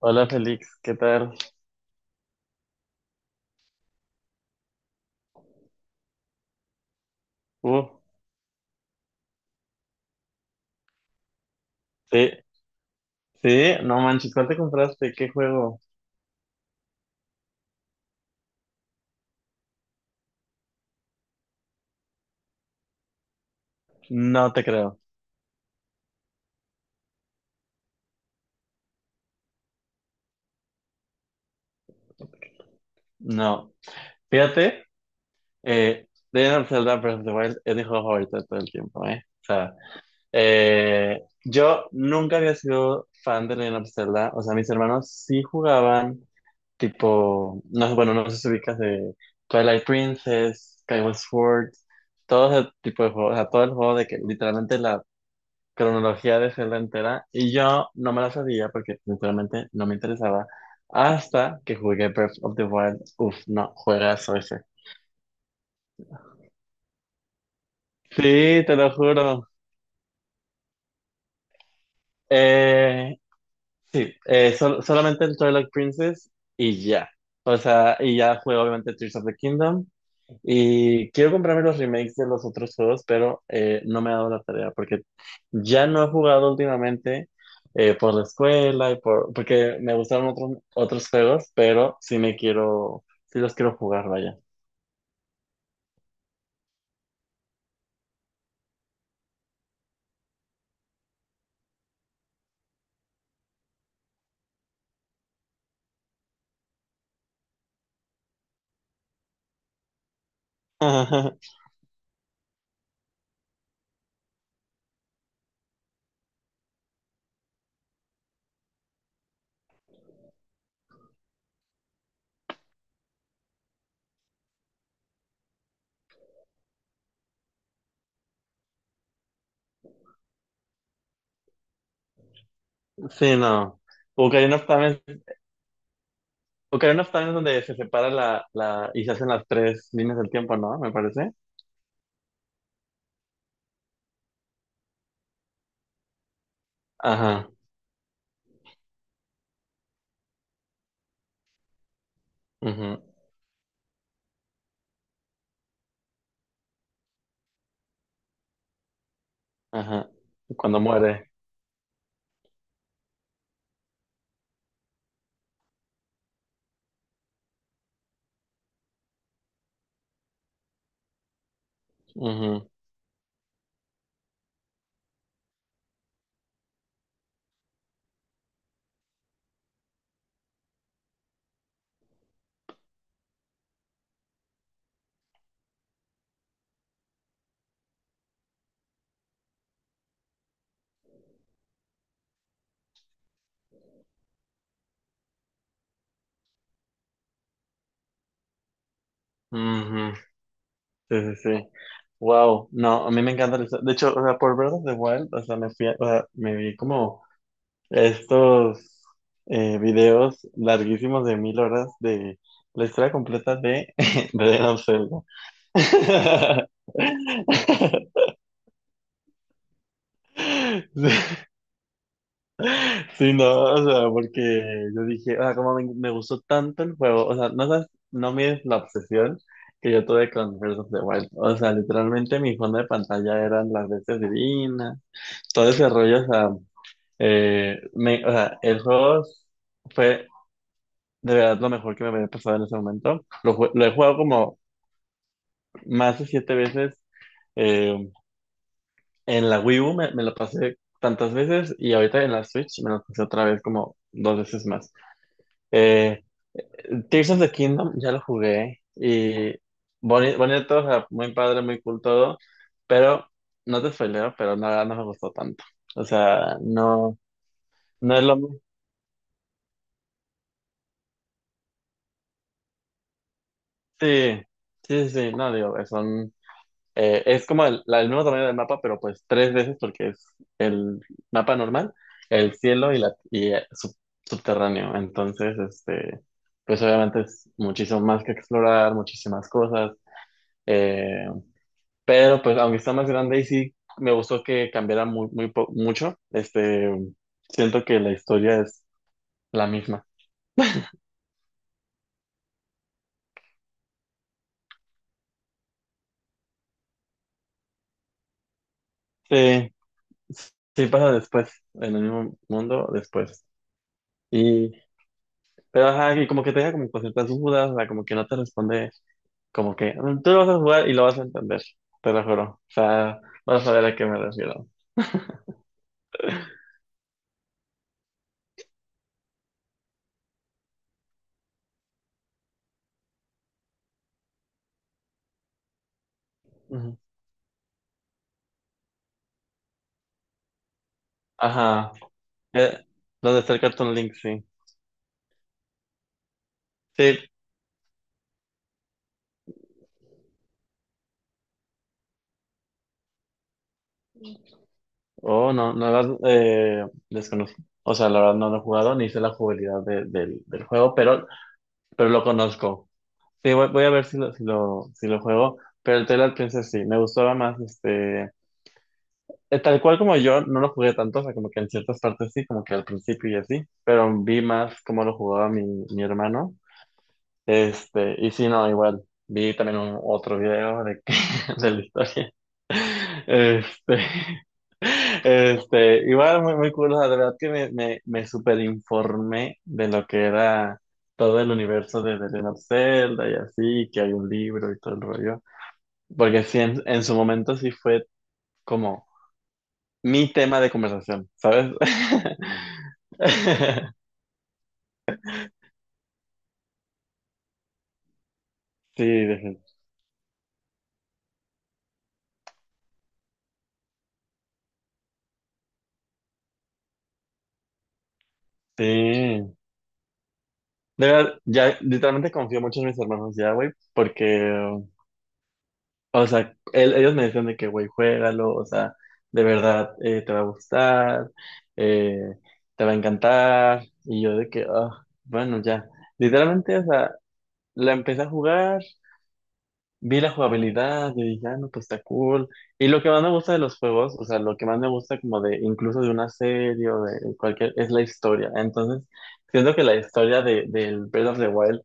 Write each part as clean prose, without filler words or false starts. Hola Félix, ¿qué tal? Uh, sí, sí, no manches, ¿cuál te compraste? ¿Qué juego? No te creo, no. Fíjate, eh, Legend of Zelda Breath of the Wild es mi juego favorito de todo el tiempo, ¿eh? O sea, yo nunca había sido fan de Legend of Zelda, o sea, mis hermanos sí jugaban, tipo, no, sé, bueno, no sé si ubicas de Twilight Princess, Skyward Sword, todo ese tipo de juegos, o sea, todo el juego de que literalmente cronología de Zelda entera y yo no me la sabía porque sinceramente no me interesaba hasta que jugué Breath of the Wild. Uf, no, juegazo ese. Sí, te lo juro. Eh, sí, solamente el Twilight Princess y ya. O sea, y ya juego obviamente Tears of the Kingdom. Y quiero comprarme los remakes de los otros juegos, pero no me ha dado la tarea porque ya no he jugado últimamente por la escuela y porque me gustaron otros, juegos, pero sí los quiero jugar, vaya. Sí, no. Ocarina of Time es, Ocarina of Time es donde se separa y se hacen las tres líneas del tiempo, ¿no? Me parece. Ajá, ujú, ajá. Cuando muere. Ujú, ujú. Sí, sí, sí. Wow, no, a mí me encanta. De hecho, o sea, por Breath of the Wild, o sea, o sea, me vi como estos videos larguísimos de 1.000 horas de la historia completa de de Legend of Zelda. Sí, sí, no, o sea, porque yo dije, ah, como me gustó tanto el juego, o sea, no sabes, no mides la obsesión que yo tuve con Breath of the Wild, o sea, literalmente mi fondo de pantalla eran las bestias divinas, todo ese rollo, o sea, o sea, el juego fue de verdad lo mejor que me había pasado en ese momento. Lo he jugado como más de 7 veces. Eh, en la Wii U me lo pasé tantas veces y ahorita en la Switch me lo pasé otra vez como 2 veces más. Eh, Tears of the Kingdom ya lo jugué y bonito, o sea, muy padre, muy cool todo, pero no te spoileo, pero nada, no me gustó tanto. O sea, no, no es lo mismo. Sí, sí, sí, sí, no, digo, es como el, el mismo tamaño del mapa, pero pues 3 veces porque es el mapa normal, el cielo subterráneo. Entonces, este, pues obviamente es muchísimo más que explorar, muchísimas cosas, eh, pero pues aunque está más grande y sí, me gustó que cambiara muy, muy mucho, este, siento que la historia es la misma. Sí, sí pasa después, en el mismo mundo después. Y Pero ajá, y como que te deja como con ciertas dudas, o sea, como que no te responde, como que "Mm, tú lo vas a jugar y lo vas a entender, te lo juro. O sea, vas a ver a qué me refiero. Ujú. Ajá. Eh, ¿Dónde está el Cartoon Link? Sí. Sí. Oh, no, no la desconozco. O sea, la verdad no lo he jugado ni sé la jugabilidad del juego, pero, lo conozco. Sí, voy a ver si lo, si lo juego. Pero el Twilight Princess sí, me gustaba más este. Tal cual como yo, no lo jugué tanto, o sea, como que en ciertas partes sí, como que al principio y así, pero vi más cómo lo jugaba mi hermano. Este, y sí, no, igual, vi también otro video de la historia. Este, igual muy, muy cool, o sea, de verdad que me superinformé de lo que era todo el universo de The Legend of Zelda y así, que hay un libro y todo el rollo. Porque sí, en su momento sí fue como mi tema de conversación, ¿sabes? Sí, sí. De verdad, ya literalmente confío mucho en mis hermanos ya, güey, porque, o sea, ellos me decían de que, güey, juégalo, o sea, de verdad te va a gustar, eh, te va a encantar, y yo de que, ah, bueno, ya. Literalmente, o sea, la empecé a jugar. Vi la jugabilidad, yo dije, ah, no, pues está cool. Y lo que más me gusta de los juegos, o sea, lo que más me gusta como de, incluso de una serie o de cualquier, es la historia. Entonces, siento que la historia del Breath of the Wild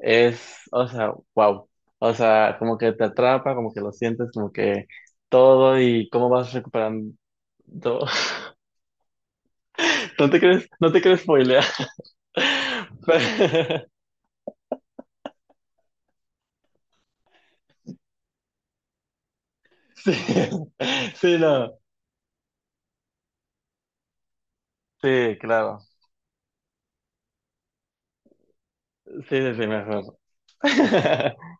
es, o sea, wow. O sea, como que te atrapa, como que lo sientes, como que todo y cómo vas recuperando. No te crees spoilear. Pero- sí, sí, no. Sí, claro. Sí, sí, sí, mejor.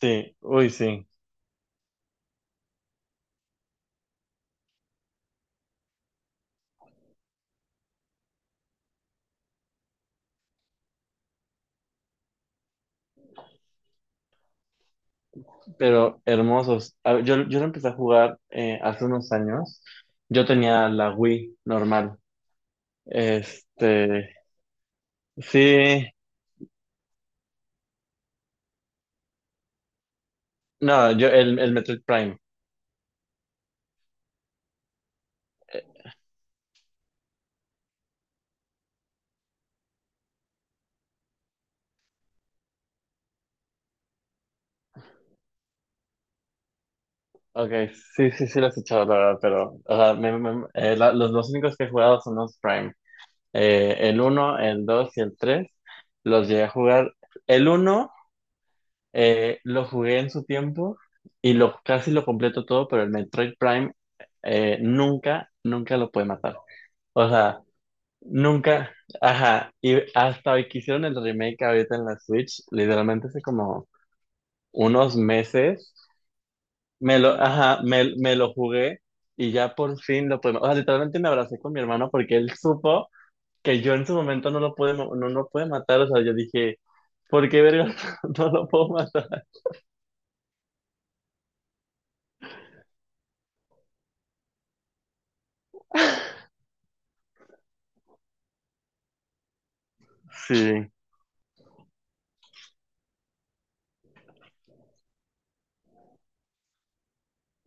Sí, uy, sí, pero hermosos. A ver, yo lo empecé a jugar hace unos años. Yo tenía la Wii normal. Este, sí, no, yo el Metroid Prime. Ok, sí, sí, sí lo he escuchado, la verdad, pero o sea, los únicos que he jugado son los Prime. El uno, el 2 y el 3 los llegué a jugar. El uno lo jugué en su tiempo y casi lo completo todo, pero el Metroid Prime nunca lo puede matar. O sea, nunca, ajá, y hasta hoy que hicieron el remake ahorita en la Switch, literalmente hace como unos meses, ajá, me lo jugué y ya por fin lo pude, o sea, literalmente me abracé con mi hermano porque él supo que yo en su momento no lo pude, no lo pude matar, o sea, yo dije, ¿por qué verga no lo puedo matar? Sí,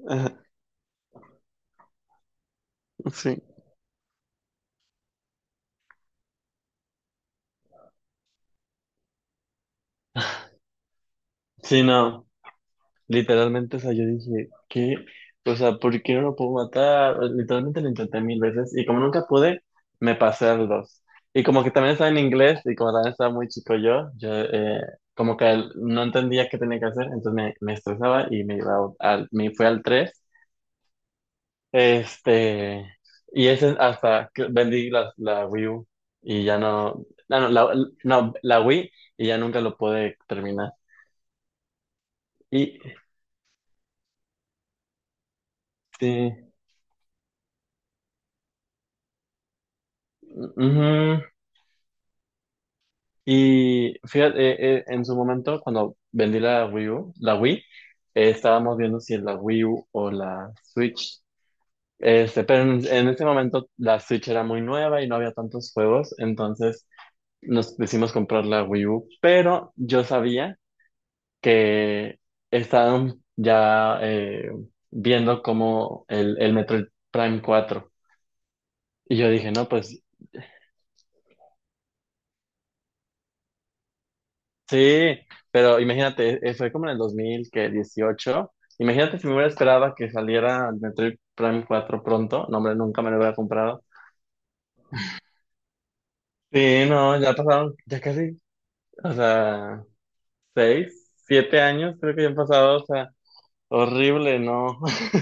ajá, sí. Sí, no, literalmente, o sea, yo dije, ¿qué? O sea, ¿por qué no lo puedo matar? Literalmente lo intenté 1.000 veces y como nunca pude, me pasé al 2. Y como que también estaba en inglés y como también estaba muy chico yo como que no entendía qué tenía que hacer, entonces me estresaba y me iba me fui al 3. Este, y ese hasta que vendí la Wii U y ya no, no, no, no, la Wii y ya nunca lo pude terminar. Y sí. Ujú. Y fíjate, en su momento, cuando vendí la Wii U, la Wii, estábamos viendo si es la Wii U o la Switch. Este, pero en ese momento la Switch era muy nueva y no había tantos juegos, entonces nos decidimos comprar la Wii U. Pero yo sabía que estaban ya viendo como el Metroid Prime 4. Y yo dije, no, pues. Sí, pero imagínate, fue como en el 2018. Imagínate si me hubiera esperado que saliera el Metroid Prime 4 pronto. No, hombre, nunca me lo hubiera comprado. Sí, no, ya pasaron, ya casi, o sea, seis, siete años creo que ya han pasado, o sea, horrible, ¿no?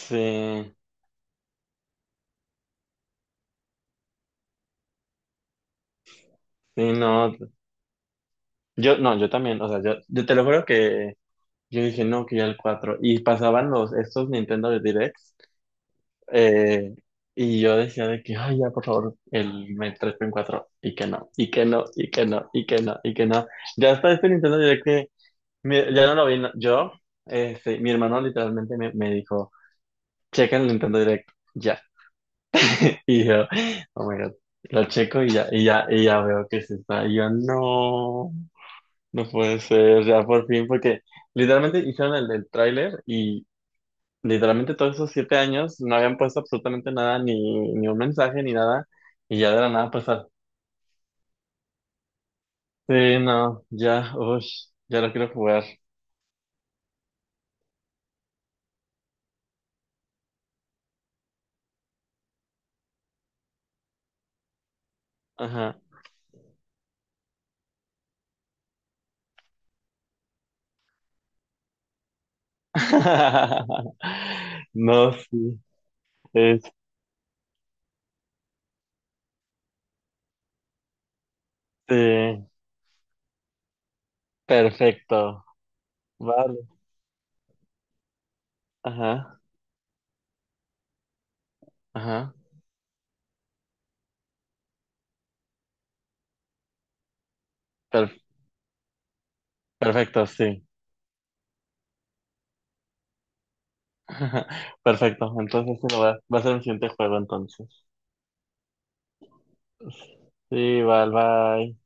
Sí, sí, no. Yo, no, yo también, o sea, yo te lo juro que yo dije, no, que ya el 4. Y pasaban estos Nintendo Directs. Eh, y yo decía de que, ay, ya, por favor, el M E tres Met 4 y que no, y que no, y que no, y que no, y que no. Ya hasta este Nintendo Direct que ya no lo vi, este, mi hermano literalmente me dijo, checa el Nintendo Direct, ya. Y yo, oh my God, lo checo y ya, y ya veo que se está. Y yo, no, no puede ser, ya por fin, porque literalmente hicieron el del tráiler. Literalmente todos esos 7 años no habían puesto absolutamente nada, ni un mensaje, ni nada, y ya de la nada pasar. Sí, no, ya, uff, ya lo quiero jugar. Ajá. No, sí, este, perfecto, vale, ajá, ajá, per- perfecto, sí, perfecto, entonces sí, va a ser mi siguiente juego entonces. Sí, vale, bye.